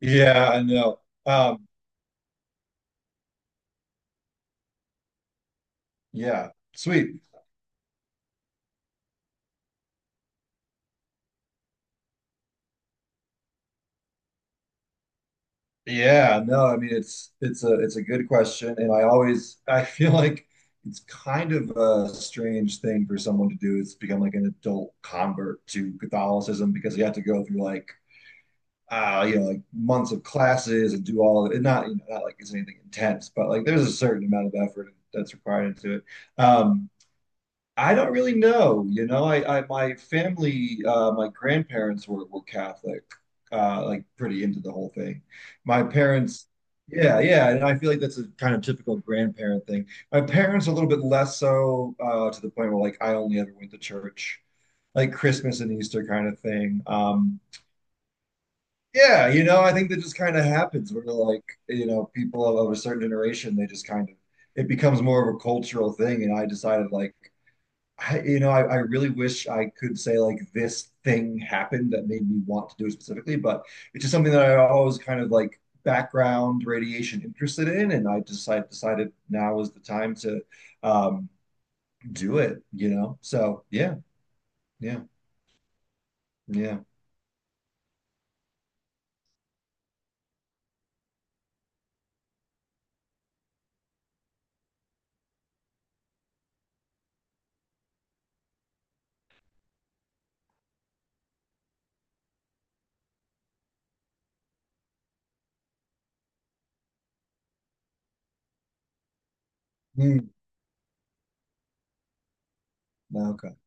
Yeah, I know. Um, yeah, sweet. Yeah, no, I mean it's a good question, and I always I feel like it's kind of a strange thing for someone to do is become like an adult convert to Catholicism because you have to go through like you know like months of classes and do all of it. Not you know not like it's anything intense, but like there's a certain amount of effort that's required into it. Um, I don't really know. You know, I, my family, my grandparents were Catholic, like pretty into the whole thing. My parents, yeah, yeah, and I feel like that's a kind of typical grandparent thing. My parents are a little bit less so, to the point where like I only ever went to church, like Christmas and Easter kind of thing. Yeah, you know, I think that just kind of happens where like, you know, people of a certain generation, they just kind of it becomes more of a cultural thing, and I decided like. You know, I really wish I could say like this thing happened that made me want to do it specifically, but it's just something that I always kind of like background radiation interested in, and I decided now is the time to um, do it, you know? So yeah, yeah, yeah. Hmm. Okay.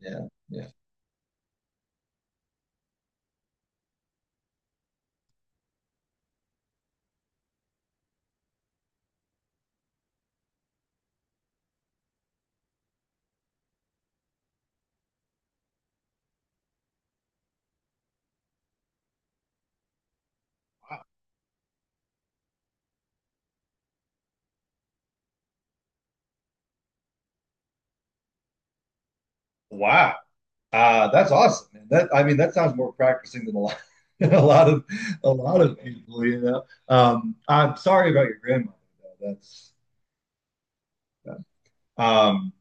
Yeah, yeah. Wow. Wow. That's awesome, man. That I mean, that sounds more practicing than a lot, a lot of a lot of people, you know. I'm sorry about your grandmother, though. That's Um,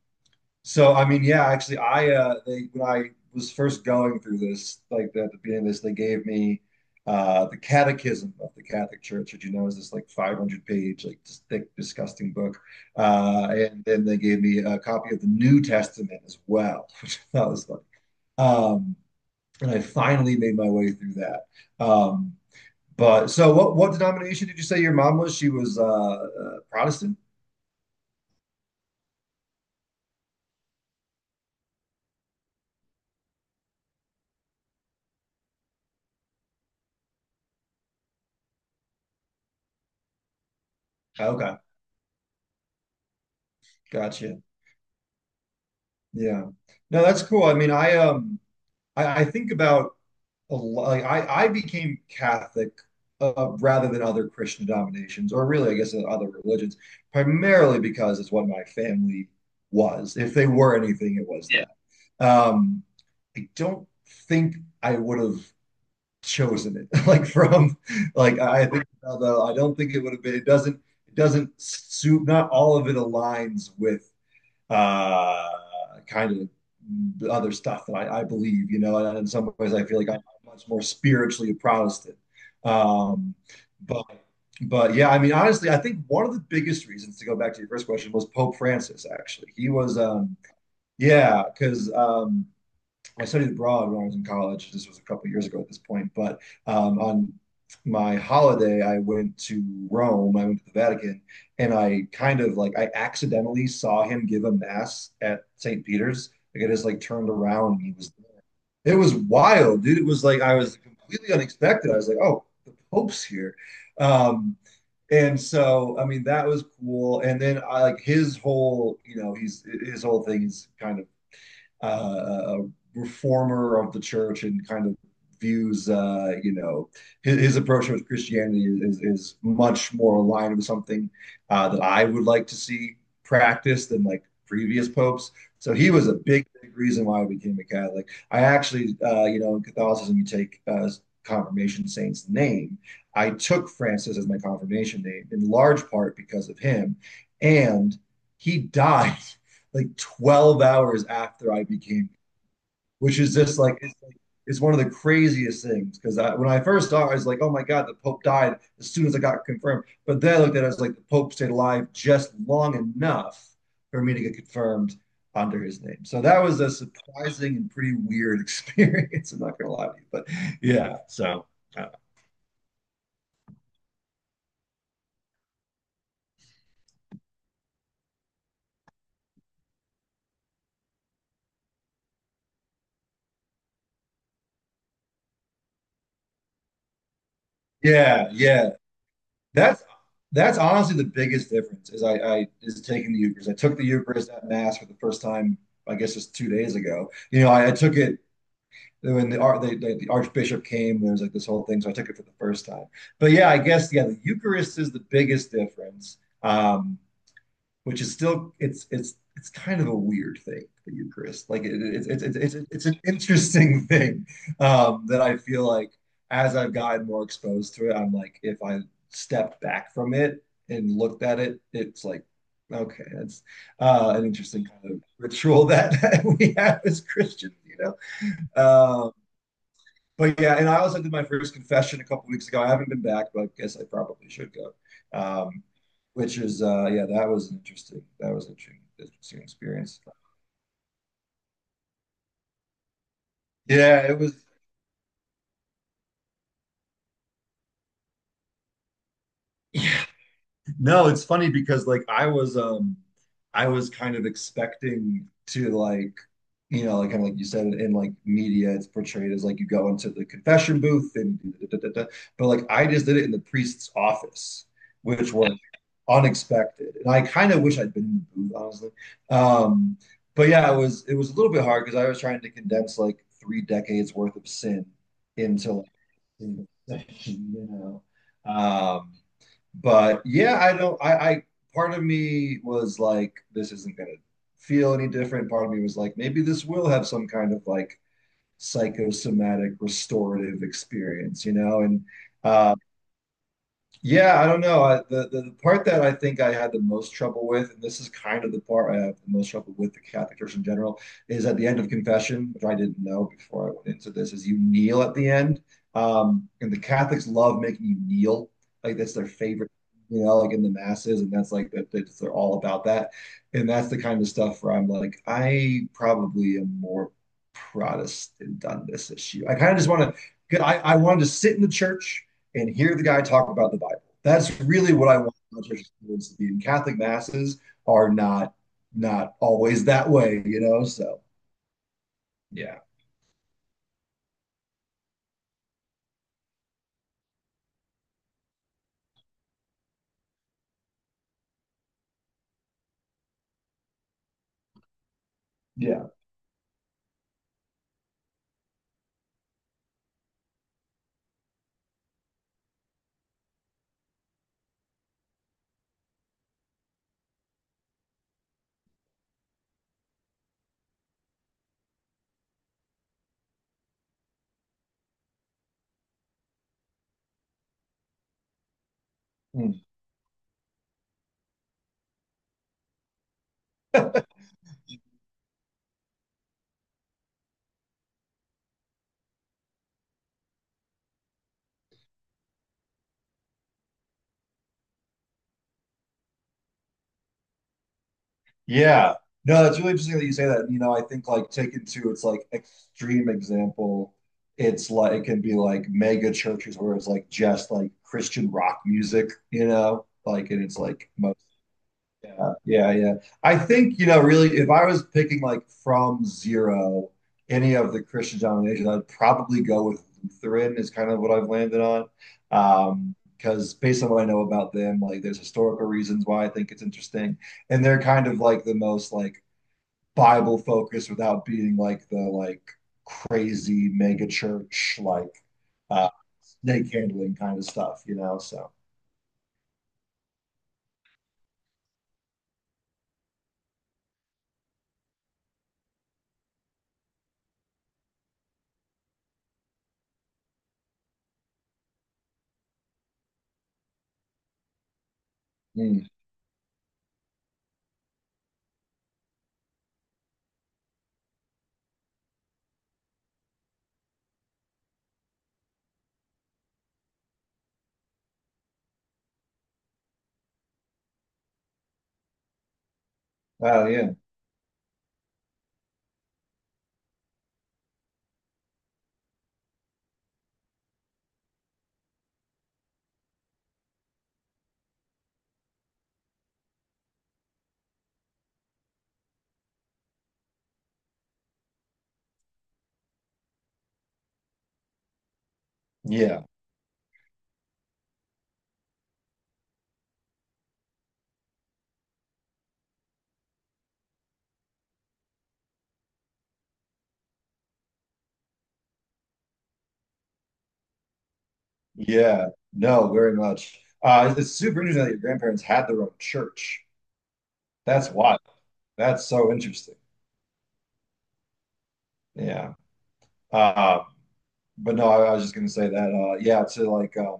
so I mean, yeah, actually, I they when I was first going through this, like at the beginning of this, they gave me the Catechism of the Catholic Church, which you know is this like 500-page, like just thick, disgusting book. And then they gave me a copy of the New Testament as well, which I thought was funny. Um, and I finally made my way through that. Um, but so, what denomination did you say your mom was? She was Protestant. Okay, gotcha. Yeah. No, that's cool. I mean, I I think about a lot like I became Catholic rather than other Christian denominations, or really, I guess, other religions, primarily because it's what my family was. If they were anything, it was Yeah. that. I don't think I would have chosen it. Like from like I think about the, I don't think it would have been. It doesn't. It doesn't suit. Not all of it aligns with uh, kind of other stuff that I believe, you know, and in some ways I feel like I'm much more spiritually a Protestant. Um, but but yeah, I mean, honestly, I think one of the biggest reasons to go back to your first question was Pope Francis, actually. He was yeah, because I studied abroad when I was in college. This was a couple of years ago at this point, but on my holiday, I went to Rome. I went to the Vatican, and I kind of like I accidentally saw him give a mass at St. Peter's. Like I just like turned around and he was there. It was wild, dude. It was like I was completely unexpected. I was like, oh, the Pope's here. Um, and so I mean that was cool. And then I like his whole, you know, he's his whole thing is kind of uh, reformer of the church and kind of views you know his approach with Christianity is much more aligned with something that I would like to see practiced than like previous popes. So he was a big, big reason why I became a Catholic. I actually you know in Catholicism you take confirmation saint's name. I took Francis as my confirmation name in large part because of him, and he died. Like 12 hours after I became, which is just like, it's one of the craziest things. Because I, when I first started, I was like, oh my God, the Pope died as soon as I got confirmed. But then I looked at it as like the Pope stayed alive just long enough for me to get confirmed under his name. So that was a surprising and pretty weird experience. I'm not going to lie to you, but yeah. So uh, yeah, yeah. That's that's honestly the biggest difference is I is taking the Eucharist. I took the Eucharist at Mass for the first time, I guess just 2 days ago. You know, I took it when the Archbishop came. There was like this whole thing, so I took it for the first time. But yeah, I guess yeah, the Eucharist is the biggest difference. Um, which is still it's kind of a weird thing, the Eucharist. Like it's an interesting thing that I feel like as I've gotten more exposed to it, I'm like, if I stepped back from it and looked at it, it's like, okay, that's an interesting kind of ritual that, that we have as Christians, you know? Uh, but yeah, and I also did my first confession a couple of weeks ago. I haven't been back, but I guess I probably should go. Um, which is yeah, that was interesting. That was an interesting, interesting experience. Yeah, it was. Yeah, no, it's funny because like I was kind of expecting to like you know like kind of like you said in like media it's portrayed as like you go into the confession booth and da, da, da, da, but like I just did it in the priest's office which was unexpected and I kind of wish I'd been in the booth honestly um but yeah it was a little bit hard because I was trying to condense like three decades worth of sin into like in the session, you know. Um, but yeah, I don't. I, part of me was like, this isn't gonna feel any different. Part of me was like, maybe this will have some kind of like psychosomatic restorative experience, you know. And uh, yeah, I don't know. I, the part that I think I had the most trouble with, and this is kind of the part I have the most trouble with the Catholic Church in general, is at the end of confession, which I didn't know before I went into this, is you kneel at the end. And the Catholics love making you kneel. Like that's their favorite, you know, like in the masses, and that's like they're all about that. And that's the kind of stuff where I'm like, I probably am more Protestant on this issue. I kind of just want to, I wanted to sit in the church and hear the guy talk about the Bible. That's really what I want my church experience to be. And Catholic masses are not not always that way, you know. So yeah, yeah, Mm. yeah. No, that's really interesting that you say that. You know, I think like taken to its like extreme example, it's like it can be like mega churches where it's like just like Christian rock music, you know, like and it's like most. Yeah, yeah, yeah. I think, you know, really, if I was picking like from zero any of the Christian denominations, I'd probably go with Lutheran is kind of what I've landed on. Because based on what I know about them, like there's historical reasons why I think it's interesting. And they're kind of like the most like Bible focused without being like the like crazy mega church, like uh snake handling kind of stuff, you know. So mm. Oh yeah. Yeah. Yeah, no, very much. It's super interesting that your grandparents had their own church. That's wild. That's so interesting. Yeah. Uh, but no, I was just gonna say that. Yeah, to like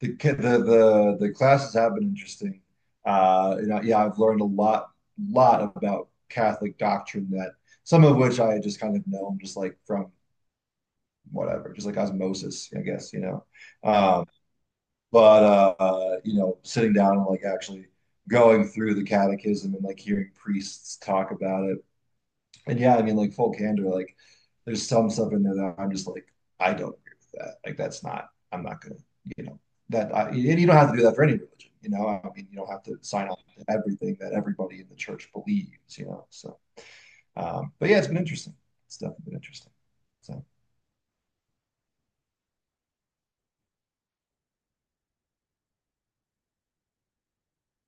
the ki- the classes have been interesting. You know, yeah, I've learned a lot about Catholic doctrine that some of which I just kind of know, just like from whatever, just like osmosis, I guess, you know. Um, but you know, sitting down and like actually going through the catechism and like hearing priests talk about it. And yeah, I mean, like full candor, like there's some stuff in there that I'm just like, I don't agree with that. Like that's not, I'm not gonna, you know, that I, and you don't have to do that for any religion, you know. I mean, you don't have to sign on to everything that everybody in the church believes, you know. So, but yeah, it's been interesting. It's definitely been interesting. So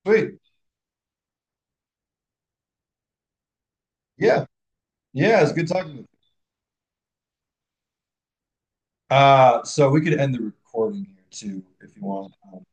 sweet, yeah, yeah, it's good talking to you. So we could end the recording here too if you want.